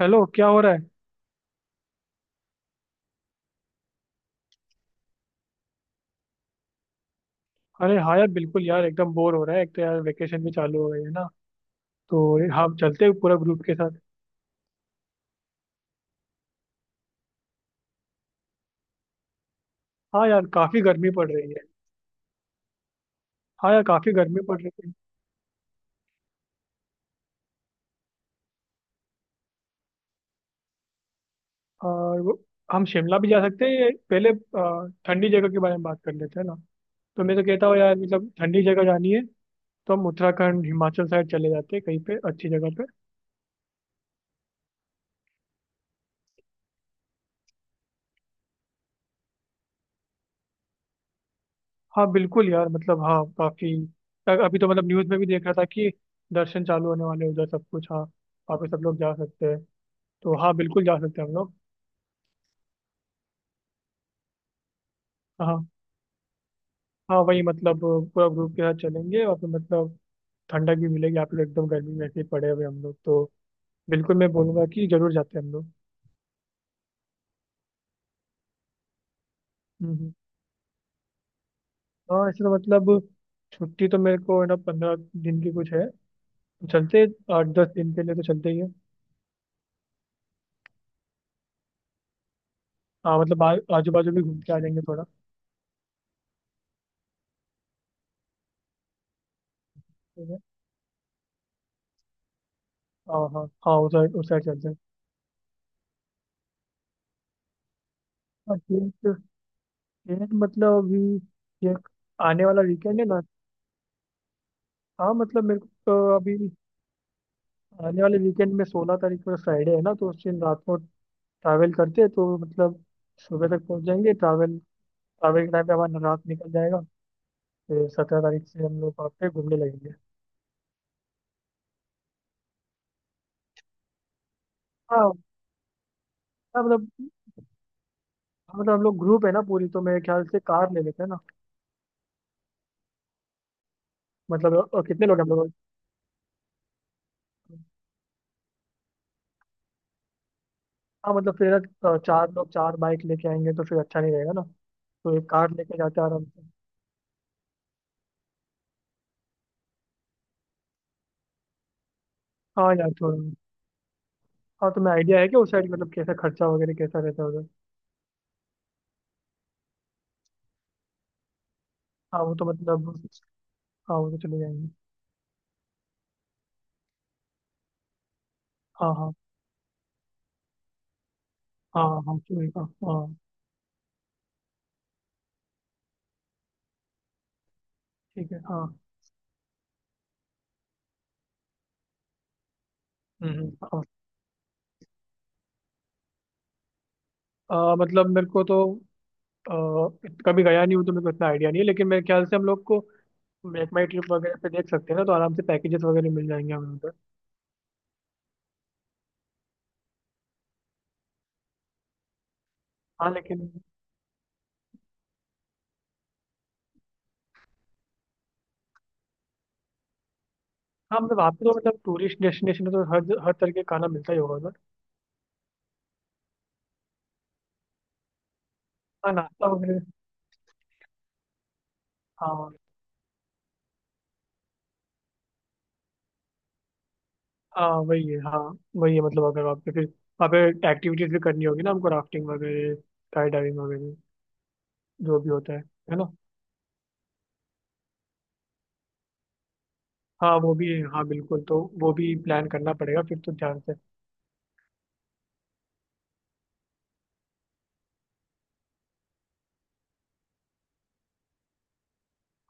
Hello, क्या हो रहा है? अरे हाँ यार, बिल्कुल यार, एकदम बोर हो रहा है। एक तो यार वेकेशन भी चालू हो गई है ना। तो ये हम चलते हैं पूरा ग्रुप के साथ। हाँ यार, काफी गर्मी पड़ रही है। हाँ यार, काफी गर्मी पड़ रही है। और वो- हम शिमला भी जा सकते हैं। ये पहले ठंडी जगह के बारे में बात कर लेते हैं ना। तो मैं तो कहता हूँ यार, मतलब ठंडी जगह जानी है। तो हम उत्तराखंड हिमाचल साइड चले जाते हैं कहीं पे अच्छी जगह पे। हाँ बिल्कुल यार, मतलब हाँ काफी। अभी तो मतलब न्यूज़ में भी देख रहा था कि दर्शन चालू होने वाले हैं उधर सब कुछ। हाँ, वहाँ पे सब लोग जा सकते हैं। तो हाँ बिल्कुल जा सकते हैं हम लोग। हाँ हाँ, वही मतलब। पूरा ग्रुप के साथ चलेंगे और फिर मतलब ठंडक भी मिलेगी। आप लोग एकदम गर्मी में ऐसे ही पड़े हुए, हम लोग तो बिल्कुल, मैं बोलूंगा कि जरूर जाते हैं हम लोग। हम्म हम्म। हाँ ऐसे तो मतलब छुट्टी तो मेरे को है ना, 15 दिन की कुछ है। तो चलते हैं। आठ दस दिन के लिए तो चलते ही है। हाँ मतलब आजू बाजू भी घूम के आ जाएंगे थोड़ा। ठीक है। हाँ हाँ हाँ, उस साइड चलते हैं। हाँ, डेट। डेट मतलब अभी ये आने वाला वीकेंड है ना। हाँ मतलब मेरे को तो अभी आने वाले वीकेंड में 16 तारीख को फ्राइडे है ना, तो उस दिन रात को ट्रैवल करते हैं, तो मतलब सुबह तक पहुंच जाएंगे। ट्रैवल, ट्रैवल के टाइम पे हमारा रात निकल जाएगा। फिर 17 तारीख से हम लोग वहाँ पे घूमने लगेंगे। हाँ हाँ, मतलब हाँ, मतलब हम लोग ग्रुप है ना पूरी, तो मेरे ख्याल से कार ले लेते हैं ना। मतलब कितने लोग हैं हम लोग? हाँ मतलब फिर चार लोग चार बाइक लेके आएंगे तो फिर अच्छा नहीं रहेगा ना। तो एक कार लेके जाते हैं आराम से। हाँ यार थोड़ा। हाँ, तुम्हें आइडिया है कि उस साइड मतलब कैसा खर्चा वगैरह कैसा रहता है उधर? हाँ वो तो मतलब। हाँ वो तो चले जाएंगे। हाँ हाँ हाँ, हम चूहे का हाँ। ठीक है हाँ। हम्म। हाँ मतलब मेरे को तो आ, कभी गया नहीं हूँ तो मेरे को इतना आइडिया नहीं है, लेकिन मेरे ख्याल से हम लोग को मेक माई ट्रिप वगैरह पे देख सकते हैं ना, तो आराम से पैकेजेस वगैरह मिल जाएंगे हमें उधर। हाँ लेकिन हाँ मतलब वहाँ पे तो मतलब टूरिस्ट डेस्टिनेशन है, तो हर हर तरह के खाना मिलता ही होगा उधर। हाँ, नाश्ता वगैरह। हाँ हाँ, वही है हाँ। वही है मतलब अगर वहाँ पे फिर वहाँ पे एक्टिविटीज भी करनी होगी ना हमको, राफ्टिंग वगैरह, स्काई डाइविंग वगैरह, जो भी होता है ना। हाँ वो भी है, हाँ बिल्कुल, तो वो भी प्लान करना पड़ेगा फिर तो ध्यान से।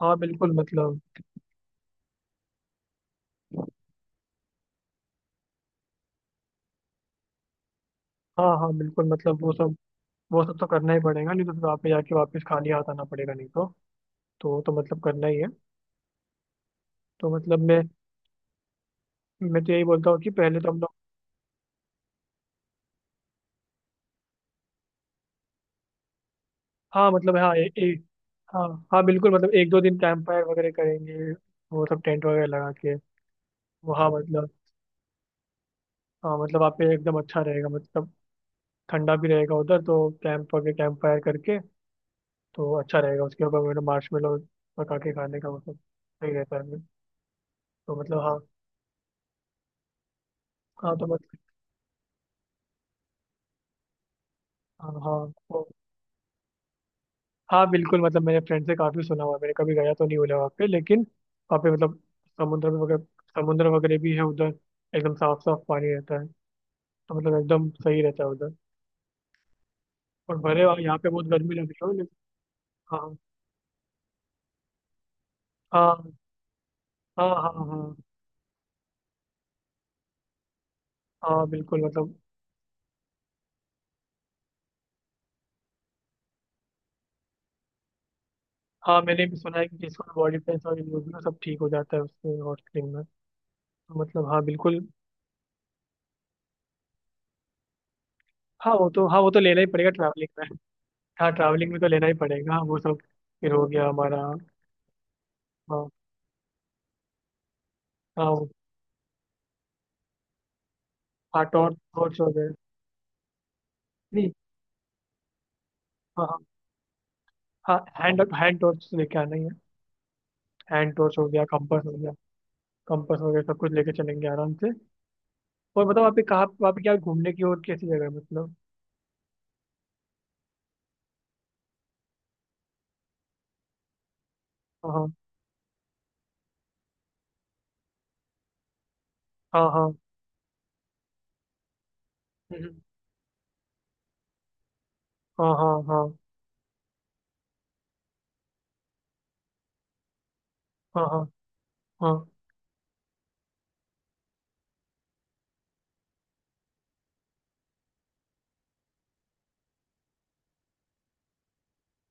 हाँ बिल्कुल मतलब। हाँ हाँ बिल्कुल मतलब वो सब, वो सब तो करना ही पड़ेगा, नहीं तो फिर वहाँ पे जाके वापस खाली हाथ आना पड़ेगा, नहीं तो। तो वो तो मतलब करना ही है। तो मतलब मैं तो यही बोलता हूँ कि पहले तो हम लोग हाँ मतलब हाँ ए, ए, हाँ हाँ बिल्कुल मतलब एक दो दिन कैंप फायर वगैरह करेंगे, वो सब टेंट वगैरह लगा के। वो हाँ मतलब वहाँ पे एकदम अच्छा रहेगा मतलब, ठंडा भी रहेगा उधर, तो कैंप वगैरह कैंप फायर करके तो वो अच्छा रहेगा। उसके ऊपर मैंने मार्शमेलो पका के खाने का मतलब सही रहता है। तो मतलब हाँ। हाँ तो मतलब। हाँ हाँ हाँ बिल्कुल मतलब, मैंने फ्रेंड से काफ़ी सुना हुआ है, मैंने कभी गया तो नहीं हुआ वहाँ पे, लेकिन वहाँ पे मतलब समुद्र वगैरह समुद्र वगैरह भी है उधर। एकदम साफ साफ पानी रहता है, तो मतलब एकदम सही रहता है उधर। और भले यहाँ पे बहुत गर्मी लग रही हो, लेकिन हाँ हाँ हाँ हाँ हाँ हाँ बिल्कुल मतलब हाँ। मैंने भी सुना है कि जिसको बॉडी पेन और न्यूज में सब, ठीक हो जाता है उससे हॉट स्प्रिंग में। तो मतलब हाँ बिल्कुल। हाँ वो तो लेना ही पड़ेगा ट्रैवलिंग में। हाँ, ट्रैवलिंग में तो लेना ही पड़ेगा हाँ, वो सब। फिर हो गया हमारा हाँ। हाँ हाँ टॉर्च टॉर्च हो गए। नहीं, हाँ हाँ हैंड हैंड टॉर्च लेके आना ही है। हैंड टॉर्च हो गया, कंपास हो गया, सब कुछ लेके चलेंगे आराम से। और बताओ आप, कहाँ वहाँ पे क्या घूमने की और कैसी जगह है मतलब? हाँ हाँ हाँ हम्म, हाँ हाँ हाँ हाँ हाँ हाँ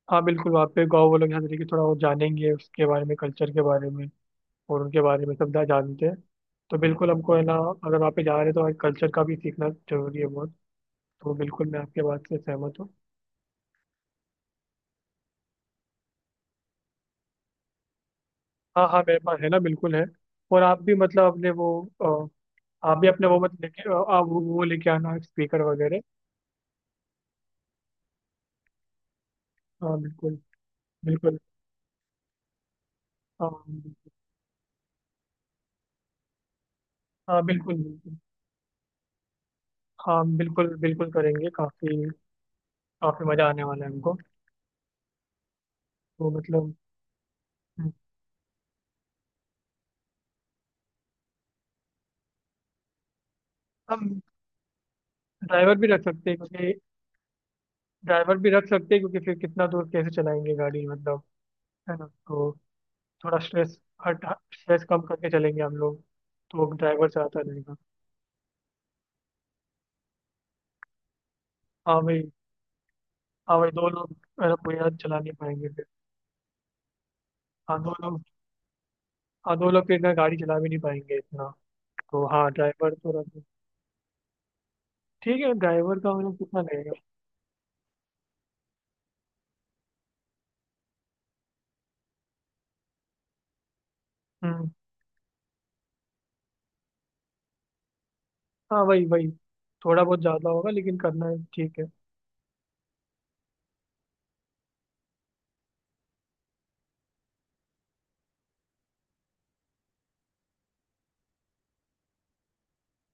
हाँ बिल्कुल, वहाँ पे गाँव वालों के साथ लेके थोड़ा वो जानेंगे उसके बारे में, कल्चर के बारे में और उनके बारे में सब ना, जानते हैं। तो बिल्कुल हमको है ना, अगर वहाँ पे जा रहे हैं तो हमारे कल्चर का भी सीखना जरूरी है बहुत। तो बिल्कुल मैं आपके बात से सहमत हूँ। हाँ हाँ, मेरे पास है ना, बिल्कुल है। और आप भी मतलब अपने वो अ, आप भी अपने वो मत लेके आप वो लेके आना, स्पीकर वगैरह। हाँ बिल्कुल बिल्कुल। हाँ हाँ बिल्कुल बिल्कुल। हाँ बिल्कुल बिल्कुल करेंगे काफ़ी, काफ़ी मज़ा आने वाला है हमको। तो मतलब हम्म, हम ड्राइवर भी रख सकते हैं क्योंकि ड्राइवर भी रख सकते हैं क्योंकि फिर कितना दूर कैसे चलाएंगे गाड़ी, मतलब है ना तो थोड़ा हट स्ट्रेस कम करके चलेंगे हम लोग। तो ड्राइवर से आता रहेगा। हाँ भाई, हाँ भाई, दो लोग पूरा चला नहीं पाएंगे फिर। हाँ दो लोग, हाँ दो लोग के इतना गाड़ी चला भी नहीं पाएंगे इतना। तो हाँ ड्राइवर तो रख दो। ठीक है, ड्राइवर का हम लोग कितना लगेगा? हम्म। हाँ वही वही, थोड़ा बहुत ज़्यादा होगा लेकिन करना है, ठीक है।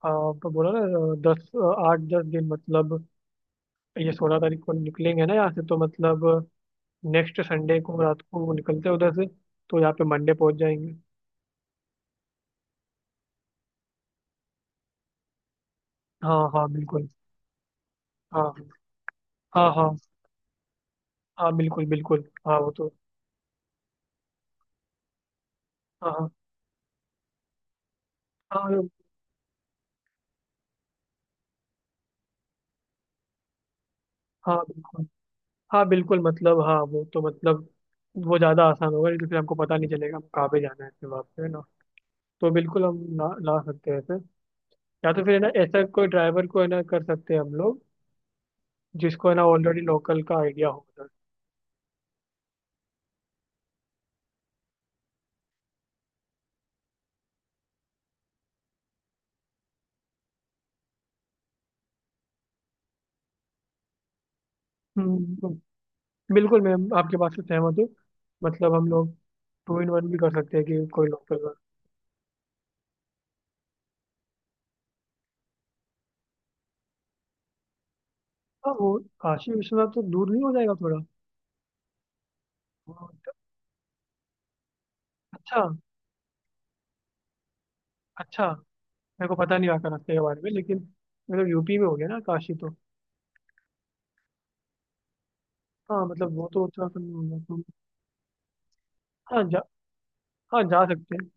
हाँ तो बोला ना आठ दस दिन मतलब, ये 16 तारीख को निकलेंगे ना यहाँ से, तो मतलब नेक्स्ट संडे को रात को निकलते हैं उधर से, तो यहाँ पे मंडे पहुँच जाएंगे। हाँ हाँ बिल्कुल, हाँ हाँ हाँ हाँ बिल्कुल बिल्कुल, हाँ वो तो हाँ हाँ हाँ हाँ बिल्कुल, हाँ बिल्कुल मतलब हाँ वो तो मतलब वो ज़्यादा आसान होगा, नहीं तो फिर हमको पता नहीं चलेगा हमको कहाँ पे जाना है अपने वहाँ पे, है ना। तो बिल्कुल हम ला ला सकते हैं ऐसे, या तो फिर है ना ऐसा कोई ड्राइवर को है ना कर सकते हैं हम लोग, जिसको है ना ऑलरेडी लोकल का आइडिया हो उधर। हम्म, बिल्कुल मैम, आपके बात से सहमत हूँ। मतलब हम लोग टू इन वन भी कर सकते हैं कि कोई लोकल का। हाँ, वो काशी विश्वनाथ तो दूर नहीं हो जाएगा थोड़ा? वो- अच्छा, अच्छा, मेरे को पता नहीं वाका रास्ते के बारे में, लेकिन मतलब यूपी में हो गया ना काशी तो। हाँ मतलब वो तो उत्तराखंड में होगा तो। हाँ हाँ जा सकते हैं।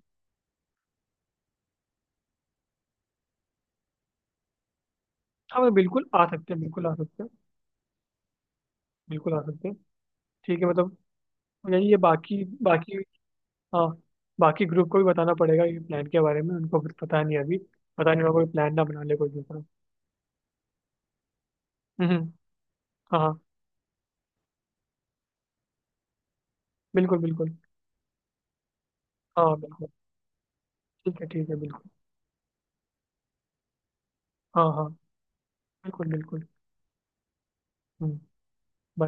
हाँ मतलब बिल्कुल आ सकते हैं, बिल्कुल आ सकते हैं, बिल्कुल आ सकते हैं। ठीक है मतलब यही ये बाकी बाकी, हाँ बाकी ग्रुप को भी बताना पड़ेगा ये प्लान के बारे में, उनको कुछ पता नहीं है अभी, पता नहीं होगा कोई प्लान ना बना ले कोई दूसरा। हम्म हम्म, हाँ हाँ बिल्कुल बिल्कुल, हाँ बिल्कुल, ठीक है बिल्कुल, हाँ हाँ बिल्कुल बिल्कुल, हम्म bye.